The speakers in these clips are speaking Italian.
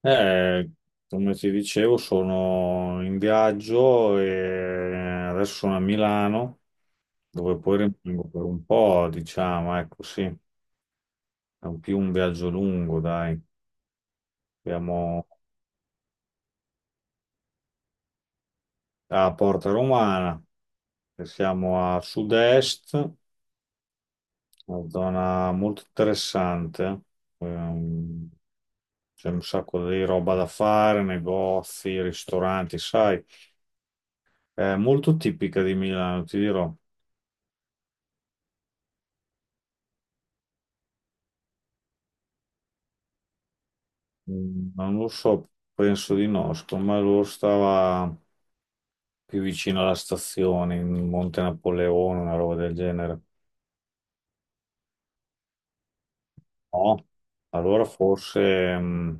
Eh, come ti dicevo, sono in viaggio e adesso sono a Milano, dove poi rimango per un po', diciamo, ecco, sì, è un più un viaggio lungo, dai. Siamo a Porta Romana, e siamo a sud-est, una zona molto interessante. Ehm, C'è un sacco di roba da fare, negozi, ristoranti, sai, è molto tipica di Milano, ti dirò. Mm, non lo so, penso di no. Secondo me loro stava più vicino alla stazione, in Monte Napoleone, una roba del genere. No, allora forse...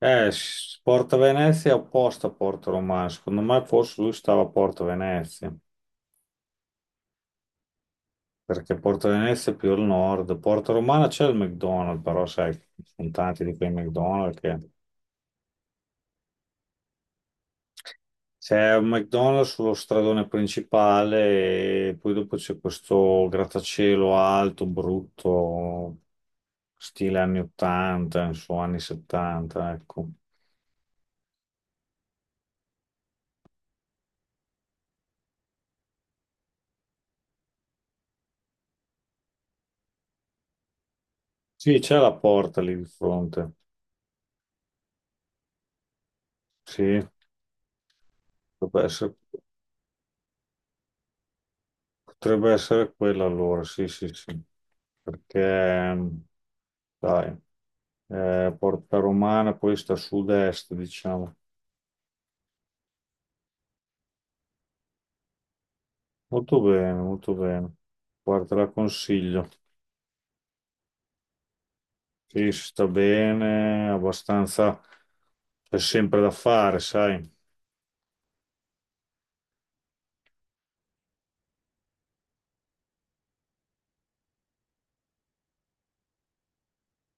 Porta Venezia è opposta a Porto Romano. Secondo me forse lui stava a Porto Venezia, perché Porto Venezia è più al nord. Porto Romano c'è il McDonald's, però sai, ci sono tanti di quei McDonald's che C'è un McDonald's sullo stradone principale e poi dopo c'è questo grattacielo alto, brutto, stile anni 80, insomma anni 70, ecco. Sì, c'è la porta lì di fronte. Sì, potrebbe essere, potrebbe essere quella allora, sì, sì, sì. Perché, dai, Porta Romana poi sta a sud-est, diciamo. Molto bene, molto bene. Guarda, te la consiglio. Sì, si sta bene, abbastanza, c'è sempre da fare, sai.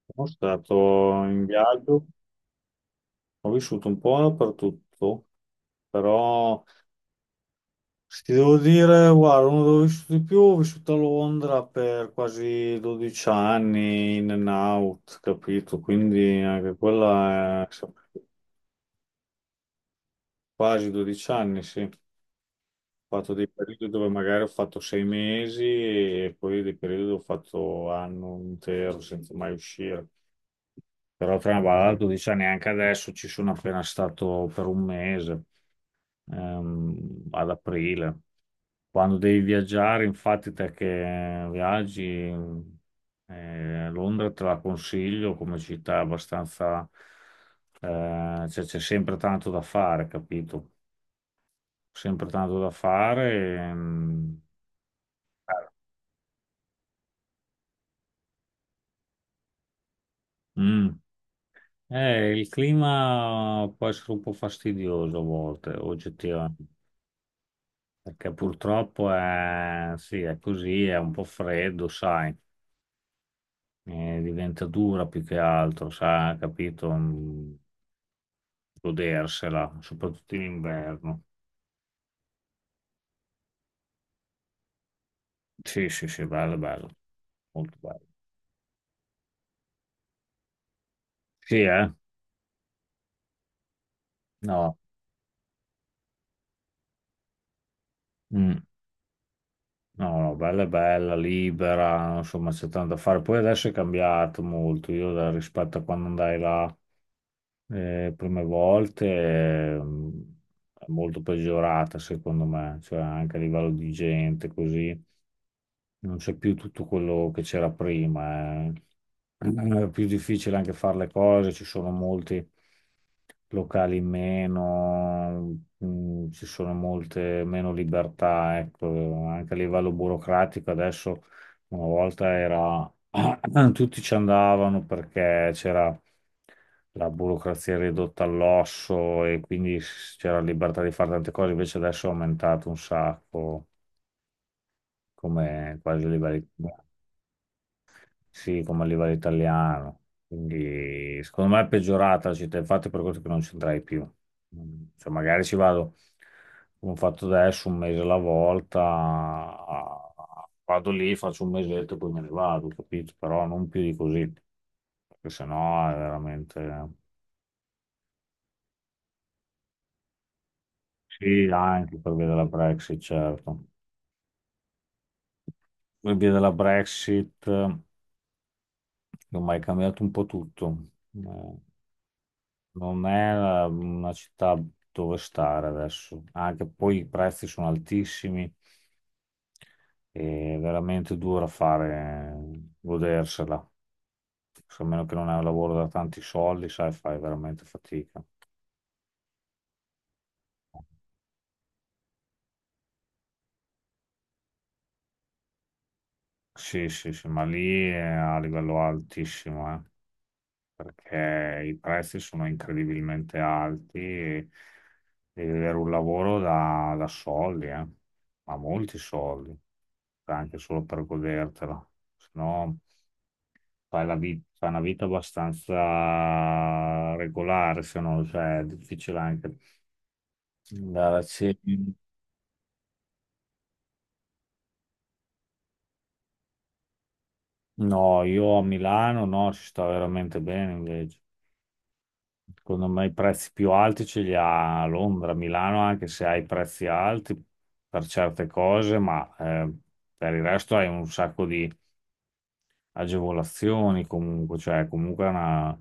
Sono stato in viaggio, ho vissuto un po' dappertutto, però se ti devo dire, guarda, uno dove ho vissuto di più, ho vissuto a Londra per quasi 12 anni, in and out, capito? Quindi anche quella è quasi 12 anni, sì. Ho fatto dei periodi dove magari ho fatto 6 mesi e poi dei periodi dove ho fatto anno intero senza mai uscire. Però tra una ballata, 12 anni, neanche adesso ci sono appena stato per un mese, ad aprile. Quando devi viaggiare, infatti, te che viaggi, Londra te la consiglio come città abbastanza, cioè c'è sempre tanto da fare, capito? Sempre tanto da fare. ehm, Mm. Il clima può essere un po' fastidioso a volte, oggettivamente, perché purtroppo è, sì, è così, è un po' freddo, sai, diventa dura più che altro, sai, capito? Godersela, soprattutto in inverno. Sì, sì, sì, bello, bello, molto bello. Sì, eh? No, mm, no, no, bella, bella, libera, insomma, c'è tanto da fare. Poi adesso è cambiato molto, io rispetto a quando andai là. Le prime volte è molto peggiorata secondo me, cioè anche a livello di gente così, non c'è più tutto quello che c'era prima. Eh. Eh, È più difficile anche fare le cose, ci sono molti locali in meno, ci sono molte meno libertà, ecco, anche a livello burocratico adesso una volta era tutti ci andavano perché c'era la burocrazia ridotta all'osso e quindi c'era libertà di fare tante cose, invece adesso è aumentato un sacco come quasi a livelli sì, come a livello italiano. Quindi secondo me è peggiorata la città, infatti per questo che non ci andrai più. Cioè, magari ci vado, come ho fatto adesso, un mese alla volta, vado lì, faccio un mesetto e poi me ne vado, capito? Però non più di così, perché sennò è veramente... Sì, anche per via della Brexit, certo. Per via della Brexit, ormai è cambiato un po' tutto. Eh, Non è una città dove stare adesso, anche poi i prezzi sono altissimi e è veramente dura fare, godersela, se a meno che non hai un lavoro da tanti soldi, sai, fai veramente fatica. Sì, sì, sì, ma lì è a livello altissimo, perché i prezzi sono incredibilmente alti e devi avere un lavoro da soldi, ma molti soldi, anche solo per godertela, se no... fai fai una vita abbastanza regolare, se no, cioè, è difficile anche andare a cena. No, io a Milano no, ci sta veramente bene invece. Secondo me i prezzi più alti ce li ha a Londra. A Milano, anche se hai prezzi alti per certe cose, ma per il resto hai un sacco di agevolazioni comunque, cioè comunque è una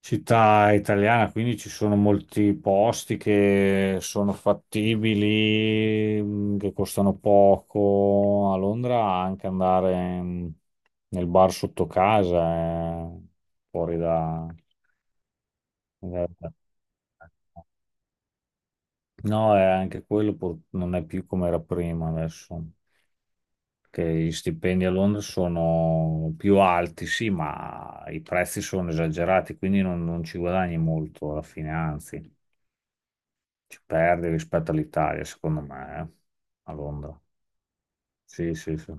città italiana, quindi ci sono molti posti che sono fattibili, che costano poco. A Londra anche andare nel bar sotto casa è fuori da... da- da- No, è anche quello non è più come era prima adesso, che gli stipendi a Londra sono più alti, sì, ma i prezzi sono esagerati, quindi non ci guadagni molto alla fine, anzi. Ci perdi rispetto all'Italia, secondo me, a Londra. Sì, sì, sì.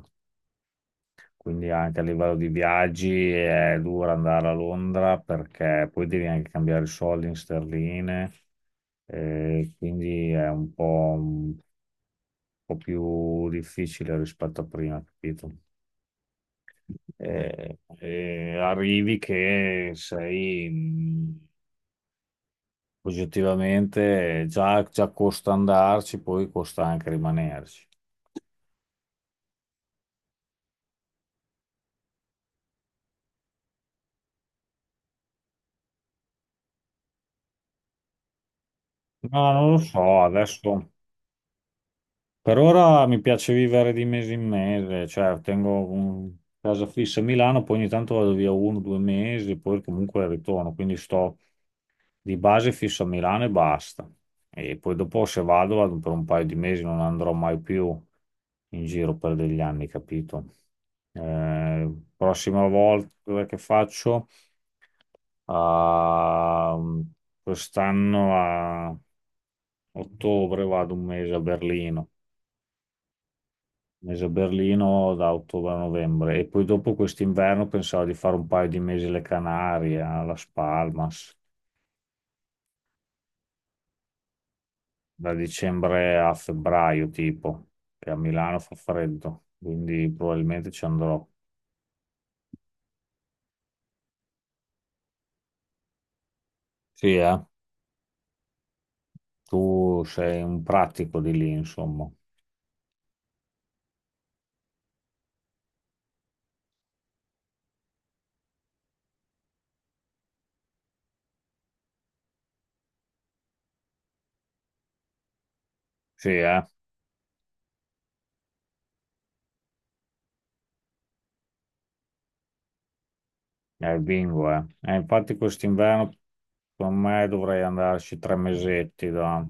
Quindi anche a livello di viaggi è dura andare a Londra perché poi devi anche cambiare i soldi in sterline, quindi è un po', un più difficile rispetto a prima, capito? Arrivi che sei oggettivamente già, già costa andarci, poi costa anche rimanerci. No, non lo so, adesso per ora mi piace vivere di mese in mese, cioè tengo casa fissa a Milano, poi ogni tanto vado via uno, due mesi, poi comunque ritorno, quindi sto di base fisso a Milano e basta. E poi dopo se vado, vado per un paio di mesi, non andrò mai più in giro per degli anni, capito? Eh, prossima volta che faccio, a- quest'anno a ottobre vado un mese a Berlino. Mese a Berlino da ottobre a novembre e poi dopo quest'inverno pensavo di fare un paio di mesi alle Canarie, a Las Palmas, da dicembre a febbraio tipo, che a Milano fa freddo, quindi probabilmente ci andrò. Sì, eh? Tu sei un pratico di lì, insomma. Sì, eh? È bingo, eh? Infatti quest'inverno secondo me dovrei andarci 3 mesetti da...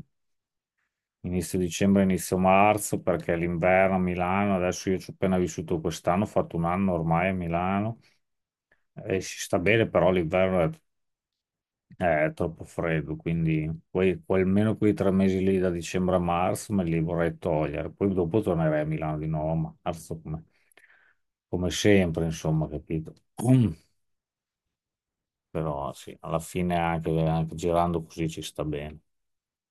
Inizio dicembre, inizio marzo, perché l'inverno a Milano, adesso io ci ho appena vissuto quest'anno, ho fatto un anno ormai a Milano e si sta bene, però l'inverno è troppo freddo, quindi poi almeno quei 3 mesi lì da dicembre a marzo me li vorrei togliere, poi dopo tornerei a Milano di nuovo a marzo come sempre, insomma, capito? Però sì, alla fine anche girando così ci sta bene.